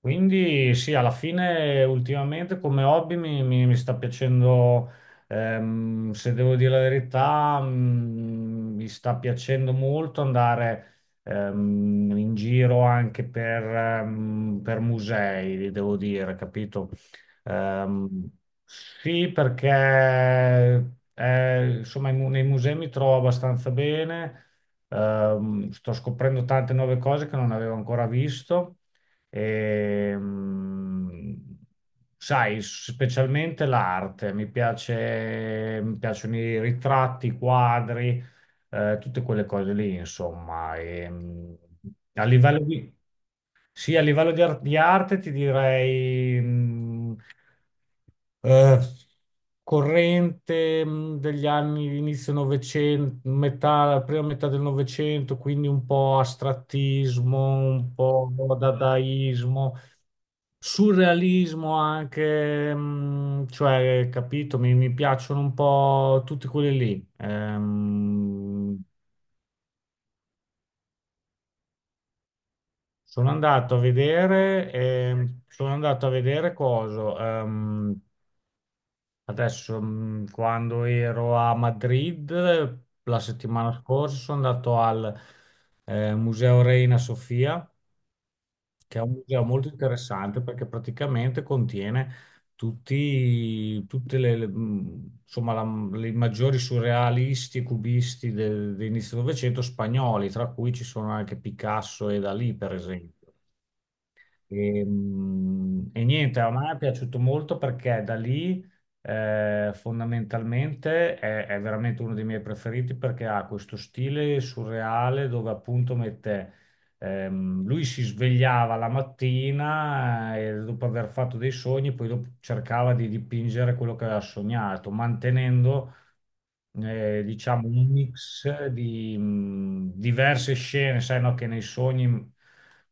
Quindi sì, alla fine ultimamente come hobby mi sta piacendo, se devo dire la verità, mi sta piacendo molto andare in giro anche per, per musei, devo dire, capito? Ehm, sì, perché insomma nei musei mi trovo abbastanza bene. Sto scoprendo tante nuove cose che non avevo ancora visto. Ehm, Sai, specialmente l'arte, mi piace, mi piacciono i ritratti, i quadri, tutte quelle cose lì, insomma. A livello di, sì, a livello di, di arte ti direi... eh, corrente degli anni inizio Novecento, metà, la prima metà del Novecento, quindi un po' astrattismo, un po' dadaismo, surrealismo anche, cioè, capito, mi piacciono un po' tutti quelli lì. Sono andato a vedere coso. Quando ero a Madrid la settimana scorsa, sono andato al Museo Reina Sofia, che è un museo molto interessante perché praticamente contiene tutte le, insomma, le maggiori surrealisti e cubisti dell'inizio del Novecento spagnoli, tra cui ci sono anche Picasso e Dalì, per esempio. E niente, a me è piaciuto molto perché da lì fondamentalmente è veramente uno dei miei preferiti perché ha questo stile surreale dove appunto mette, lui si svegliava la mattina e dopo aver fatto dei sogni, poi dopo cercava di dipingere quello che aveva sognato, mantenendo diciamo un mix di diverse scene, sai, no, che nei sogni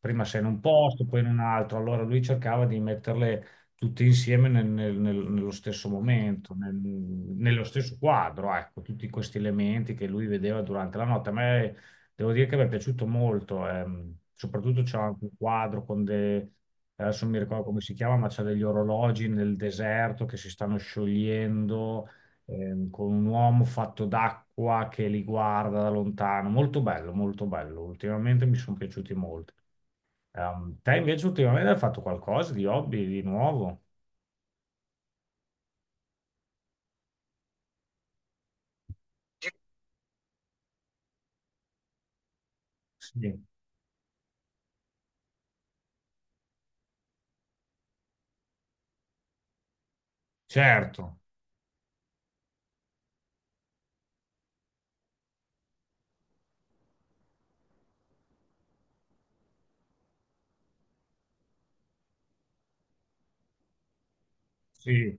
prima sei in un posto, poi in un altro, allora lui cercava di metterle tutte insieme nello stesso momento, nello stesso quadro, ecco, tutti questi elementi che lui vedeva durante la notte. A me devo dire che mi è piaciuto molto, soprattutto c'è anche un quadro con dei... Adesso non mi ricordo come si chiama, ma c'è degli orologi nel deserto che si stanno sciogliendo, con un uomo fatto d'acqua che li guarda da lontano. Molto bello, molto bello. Ultimamente mi sono piaciuti molto. Te invece ultimamente hai fatto qualcosa di hobby, di nuovo? Sì, certo, sì,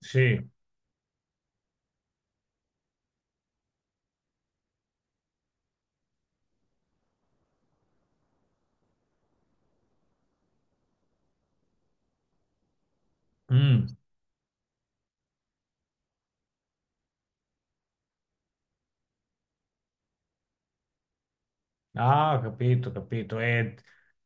sì. Mm. Ah, ho capito, ho capito. E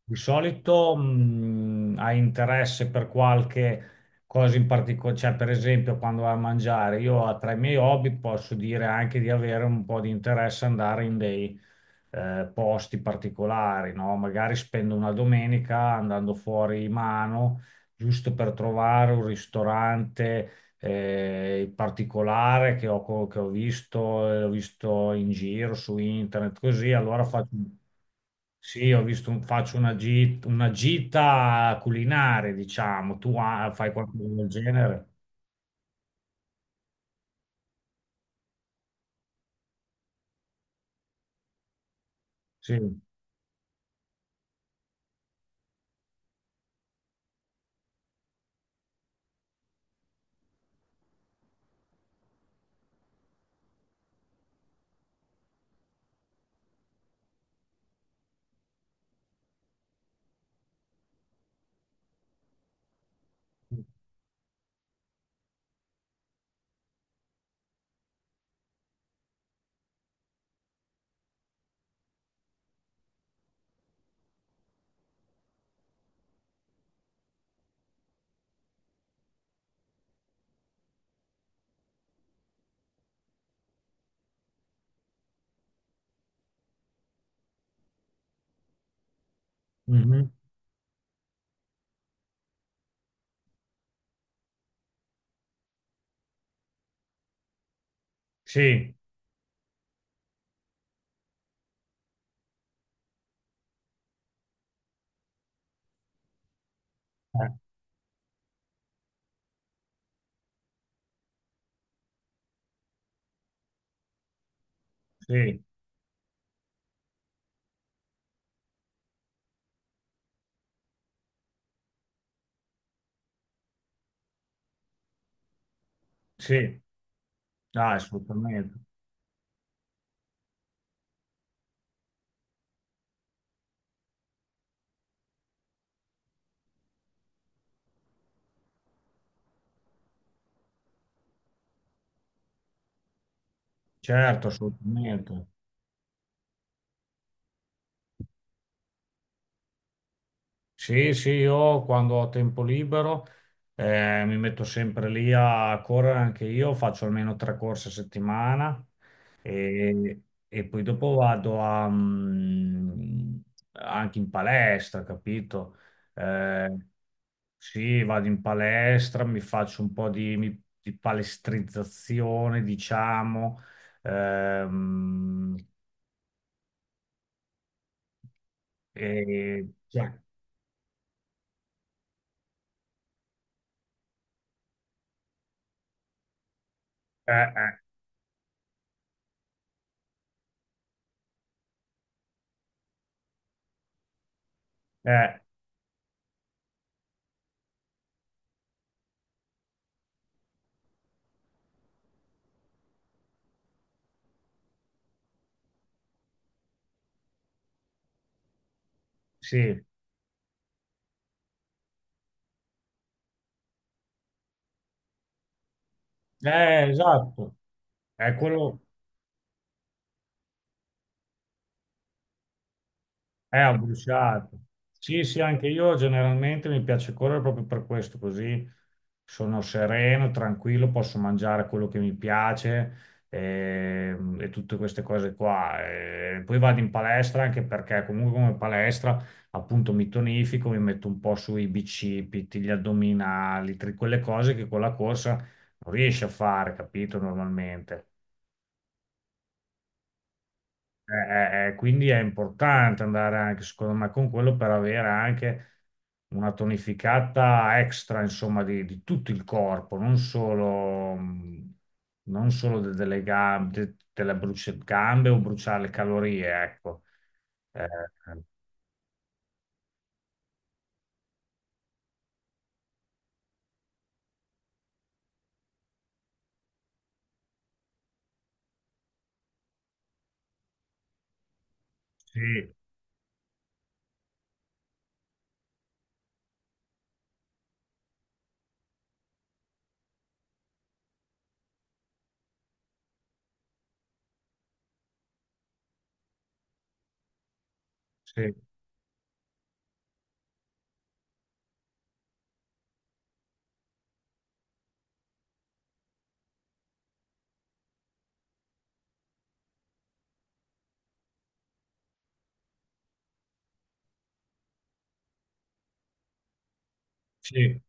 di solito hai interesse per qualche cosa in particolare, cioè per esempio quando vai a mangiare, io tra i miei hobby posso dire anche di avere un po' di interesse ad andare in dei posti particolari, no? Magari spendo una domenica andando fuori mano, giusto per trovare un ristorante in particolare che ho visto in giro su internet, così allora faccio, sì, ho visto faccio una, una gita culinaria, diciamo, tu ah, fai qualcosa del genere? Sì. Mhm. Sì, sì, sì. Ah, assolutamente, certo, assolutamente. Sì, sì, io quando ho tempo libero mi metto sempre lì a correre anche io, faccio almeno tre corse a settimana e, e poi dopo vado a, anche in palestra, capito? Eh, sì, vado in palestra, mi faccio un po' di palestrizzazione, diciamo, ehm, cioè, eh, eh, eh, sì. Esatto, è quello, è abbruciato. Sì, sì, anche io generalmente mi piace correre proprio per questo, così sono sereno, tranquillo, posso mangiare quello che mi piace e, tutte queste cose qua. E poi vado in palestra anche perché comunque come palestra appunto mi tonifico, mi metto un po' sui bicipiti, gli addominali, quelle cose che con la corsa non riesci a fare, capito, normalmente. Eh, quindi è importante andare anche, secondo me, con quello per avere anche una tonificata extra, insomma, di tutto il corpo, non solo, non solo delle gambe, gambe o bruciare le calorie, ecco. Eh, eh, sì, sì, sì,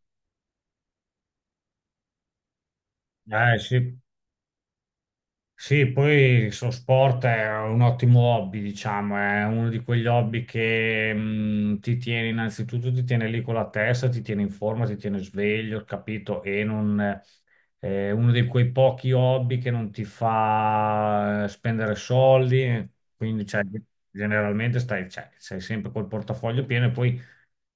sì. Sì, poi il suo sport è un ottimo hobby, diciamo, è uno di quegli hobby che ti tiene innanzitutto, ti tiene lì con la testa, ti tiene in forma, ti tiene sveglio, capito? E non, è uno di quei pochi hobby che non ti fa spendere soldi, quindi cioè, generalmente stai, cioè, sei sempre col portafoglio pieno e poi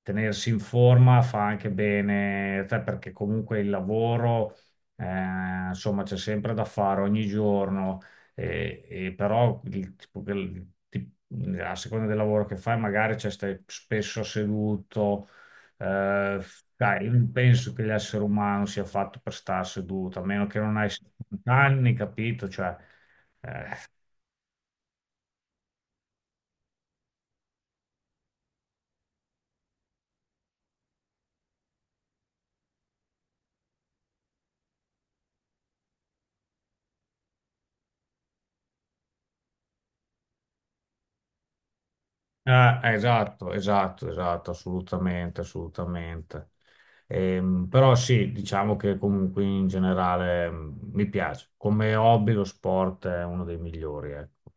tenersi in forma fa anche bene a te perché comunque il lavoro insomma, c'è sempre da fare ogni giorno, e però il tipo che- il ti- a seconda del lavoro che fai, magari cioè, stai spesso seduto. Eh, Dai, io non penso che l'essere umano sia fatto per stare seduto, a meno che non hai 70 anni, capito? Cioè, eh, ah, esatto, esatto, esatto, assolutamente, assolutamente. Però sì, diciamo che comunque in generale mi piace. Come hobby lo sport è uno dei migliori, ecco.